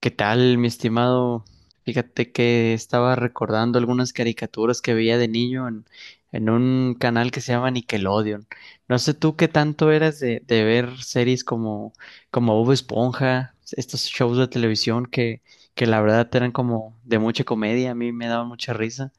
¿Qué tal, mi estimado? Fíjate que estaba recordando algunas caricaturas que veía de niño en un canal que se llama Nickelodeon. No sé tú qué tanto eras de ver series como Bob Esponja, estos shows de televisión que la verdad eran como de mucha comedia, a mí me daban mucha risa.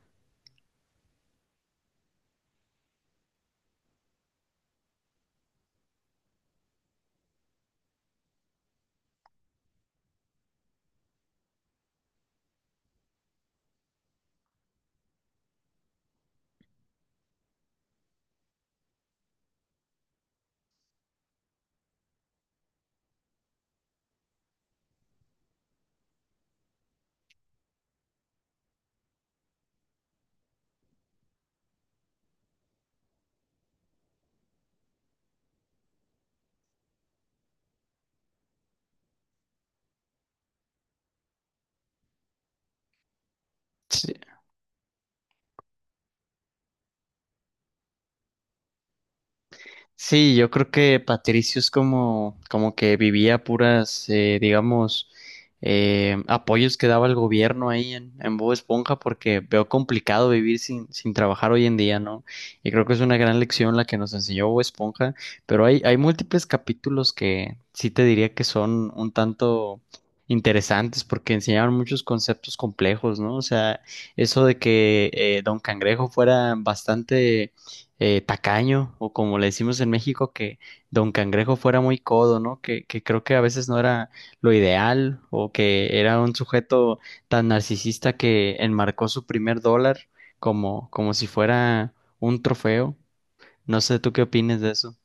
Sí, yo creo que Patricio es como que vivía puras, digamos, apoyos que daba el gobierno ahí en Bob Esponja, porque veo complicado vivir sin trabajar hoy en día, ¿no? Y creo que es una gran lección la que nos enseñó Bob Esponja, pero hay múltiples capítulos que sí te diría que son un tanto interesantes porque enseñaban muchos conceptos complejos, ¿no? O sea, eso de que Don Cangrejo fuera bastante tacaño, o como le decimos en México, que Don Cangrejo fuera muy codo, ¿no? Que creo que a veces no era lo ideal, o que era un sujeto tan narcisista que enmarcó su primer dólar como si fuera un trofeo. No sé, ¿tú qué opinas de eso?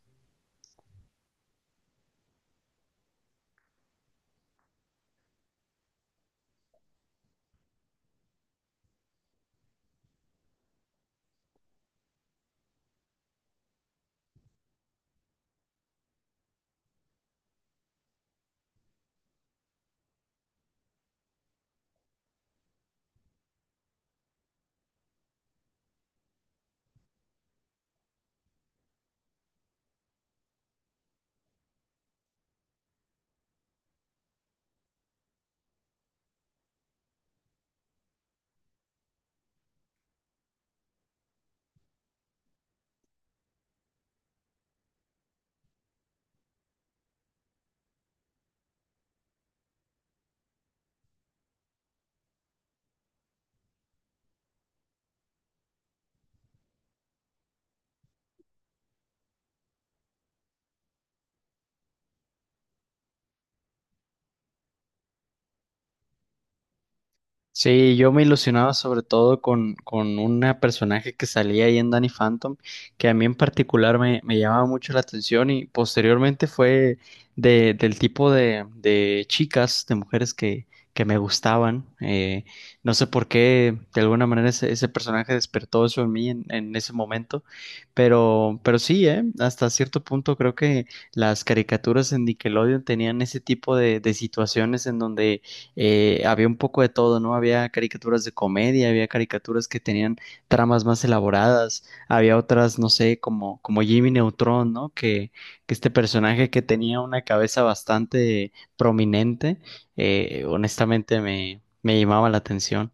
Sí, yo me ilusionaba sobre todo con una personaje que salía ahí en Danny Phantom, que a mí en particular me llamaba mucho la atención y posteriormente fue del tipo de chicas, de mujeres que me gustaban. No sé por qué, de alguna manera ese personaje despertó eso en mí en ese momento, pero sí, hasta cierto punto creo que las caricaturas en Nickelodeon tenían ese tipo de situaciones en donde había un poco de todo, ¿no? Había caricaturas de comedia, había caricaturas que tenían tramas más elaboradas, había otras, no sé, como Jimmy Neutron, ¿no? Que este personaje que tenía una cabeza bastante prominente, honestamente me llamaba la atención.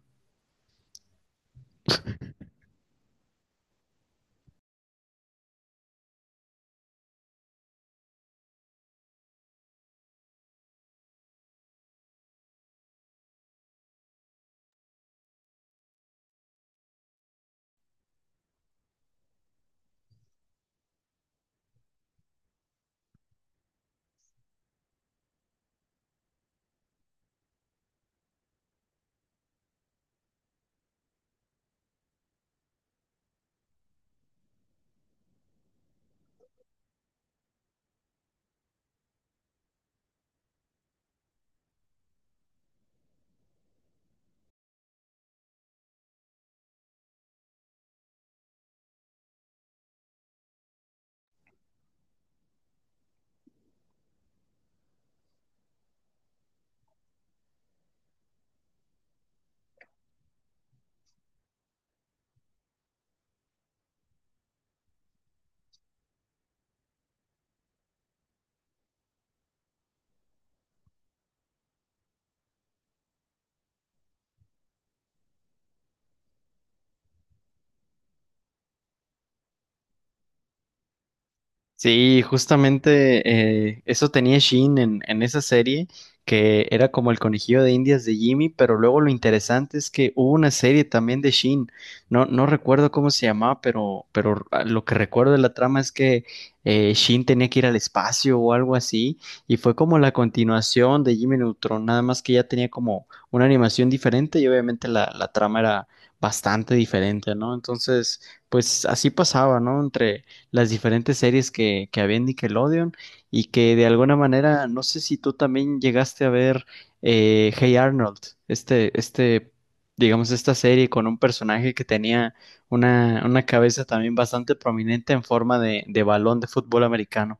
Sí, justamente eso tenía Shin en esa serie, que era como el conejillo de Indias de Jimmy, pero luego lo interesante es que hubo una serie también de Shin, no recuerdo cómo se llamaba, pero ah, lo que recuerdo de la trama es que Shin tenía que ir al espacio o algo así, y fue como la continuación de Jimmy Neutron, nada más que ya tenía como una animación diferente y obviamente la trama era bastante diferente, ¿no? Entonces, pues así pasaba, ¿no? Entre las diferentes series que había en Nickelodeon y que de alguna manera, no sé si tú también llegaste a ver Hey Arnold, este, este, digamos, esta serie con un personaje que tenía una cabeza también bastante prominente en forma de balón de fútbol americano.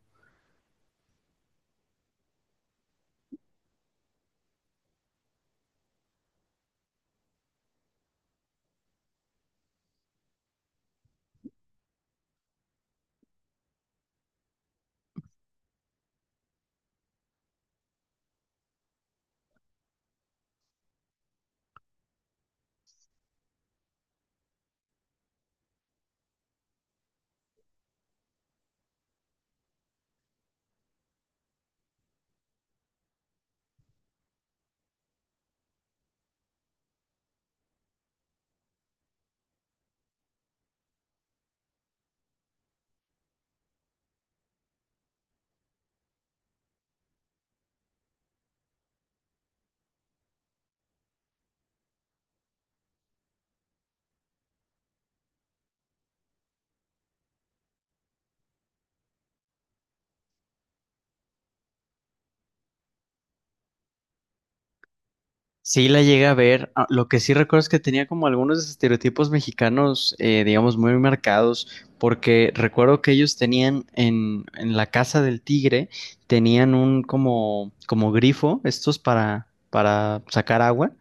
Sí, la llegué a ver. Ah, lo que sí recuerdo es que tenía como algunos estereotipos mexicanos, digamos, muy marcados, porque recuerdo que ellos tenían en la casa del tigre, tenían un como grifo, estos para sacar agua,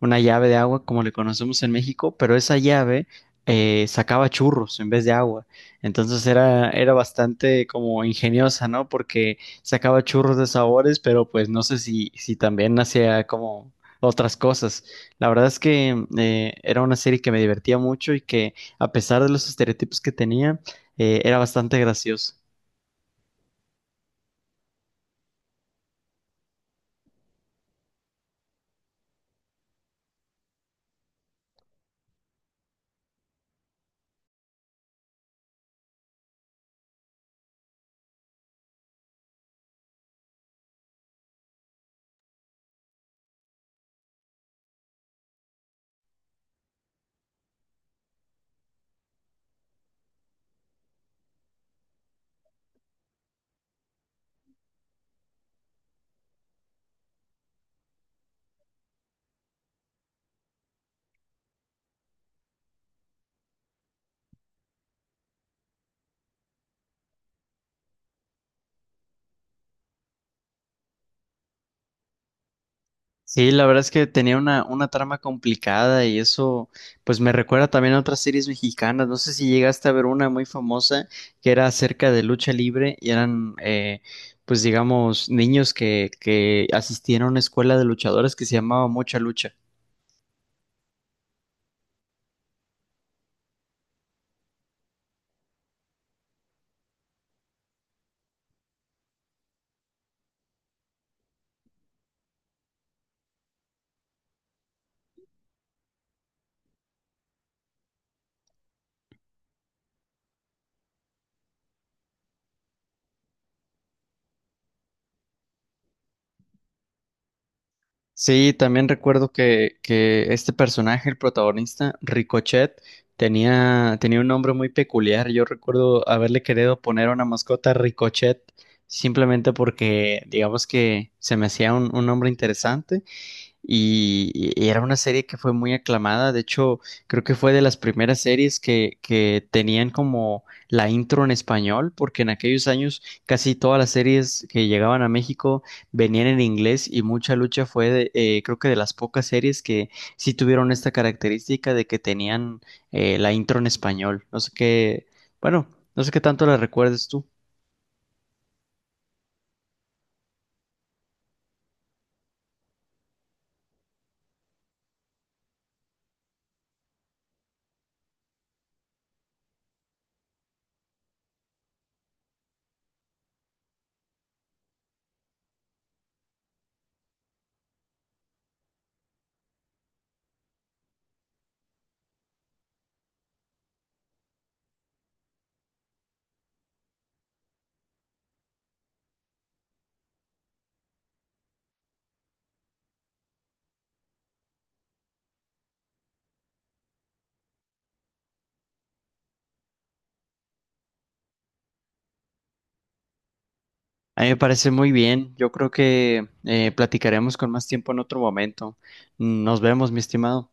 una llave de agua como le conocemos en México, pero esa llave sacaba churros en vez de agua. Entonces era bastante como ingeniosa, ¿no? Porque sacaba churros de sabores, pero pues no sé si también hacía como otras cosas. La verdad es que era una serie que me divertía mucho y que a pesar de los estereotipos que tenía, era bastante graciosa. Sí, la verdad es que tenía una trama complicada y eso pues me recuerda también a otras series mexicanas. No sé si llegaste a ver una muy famosa que era acerca de lucha libre y eran pues digamos niños que asistían a una escuela de luchadores que se llamaba Mucha Lucha. Sí, también recuerdo que este personaje, el protagonista, Ricochet, tenía, tenía un nombre muy peculiar. Yo recuerdo haberle querido poner una mascota Ricochet simplemente porque, digamos que se me hacía un nombre interesante y era una serie que fue muy aclamada. De hecho, creo que fue de las primeras series que tenían como la intro en español, porque en aquellos años casi todas las series que llegaban a México venían en inglés y Mucha Lucha fue, de, creo que de las pocas series que sí tuvieron esta característica de que tenían la intro en español. No sé qué, bueno, no sé qué tanto la recuerdes tú. A mí me parece muy bien. Yo creo que platicaremos con más tiempo en otro momento. Nos vemos, mi estimado.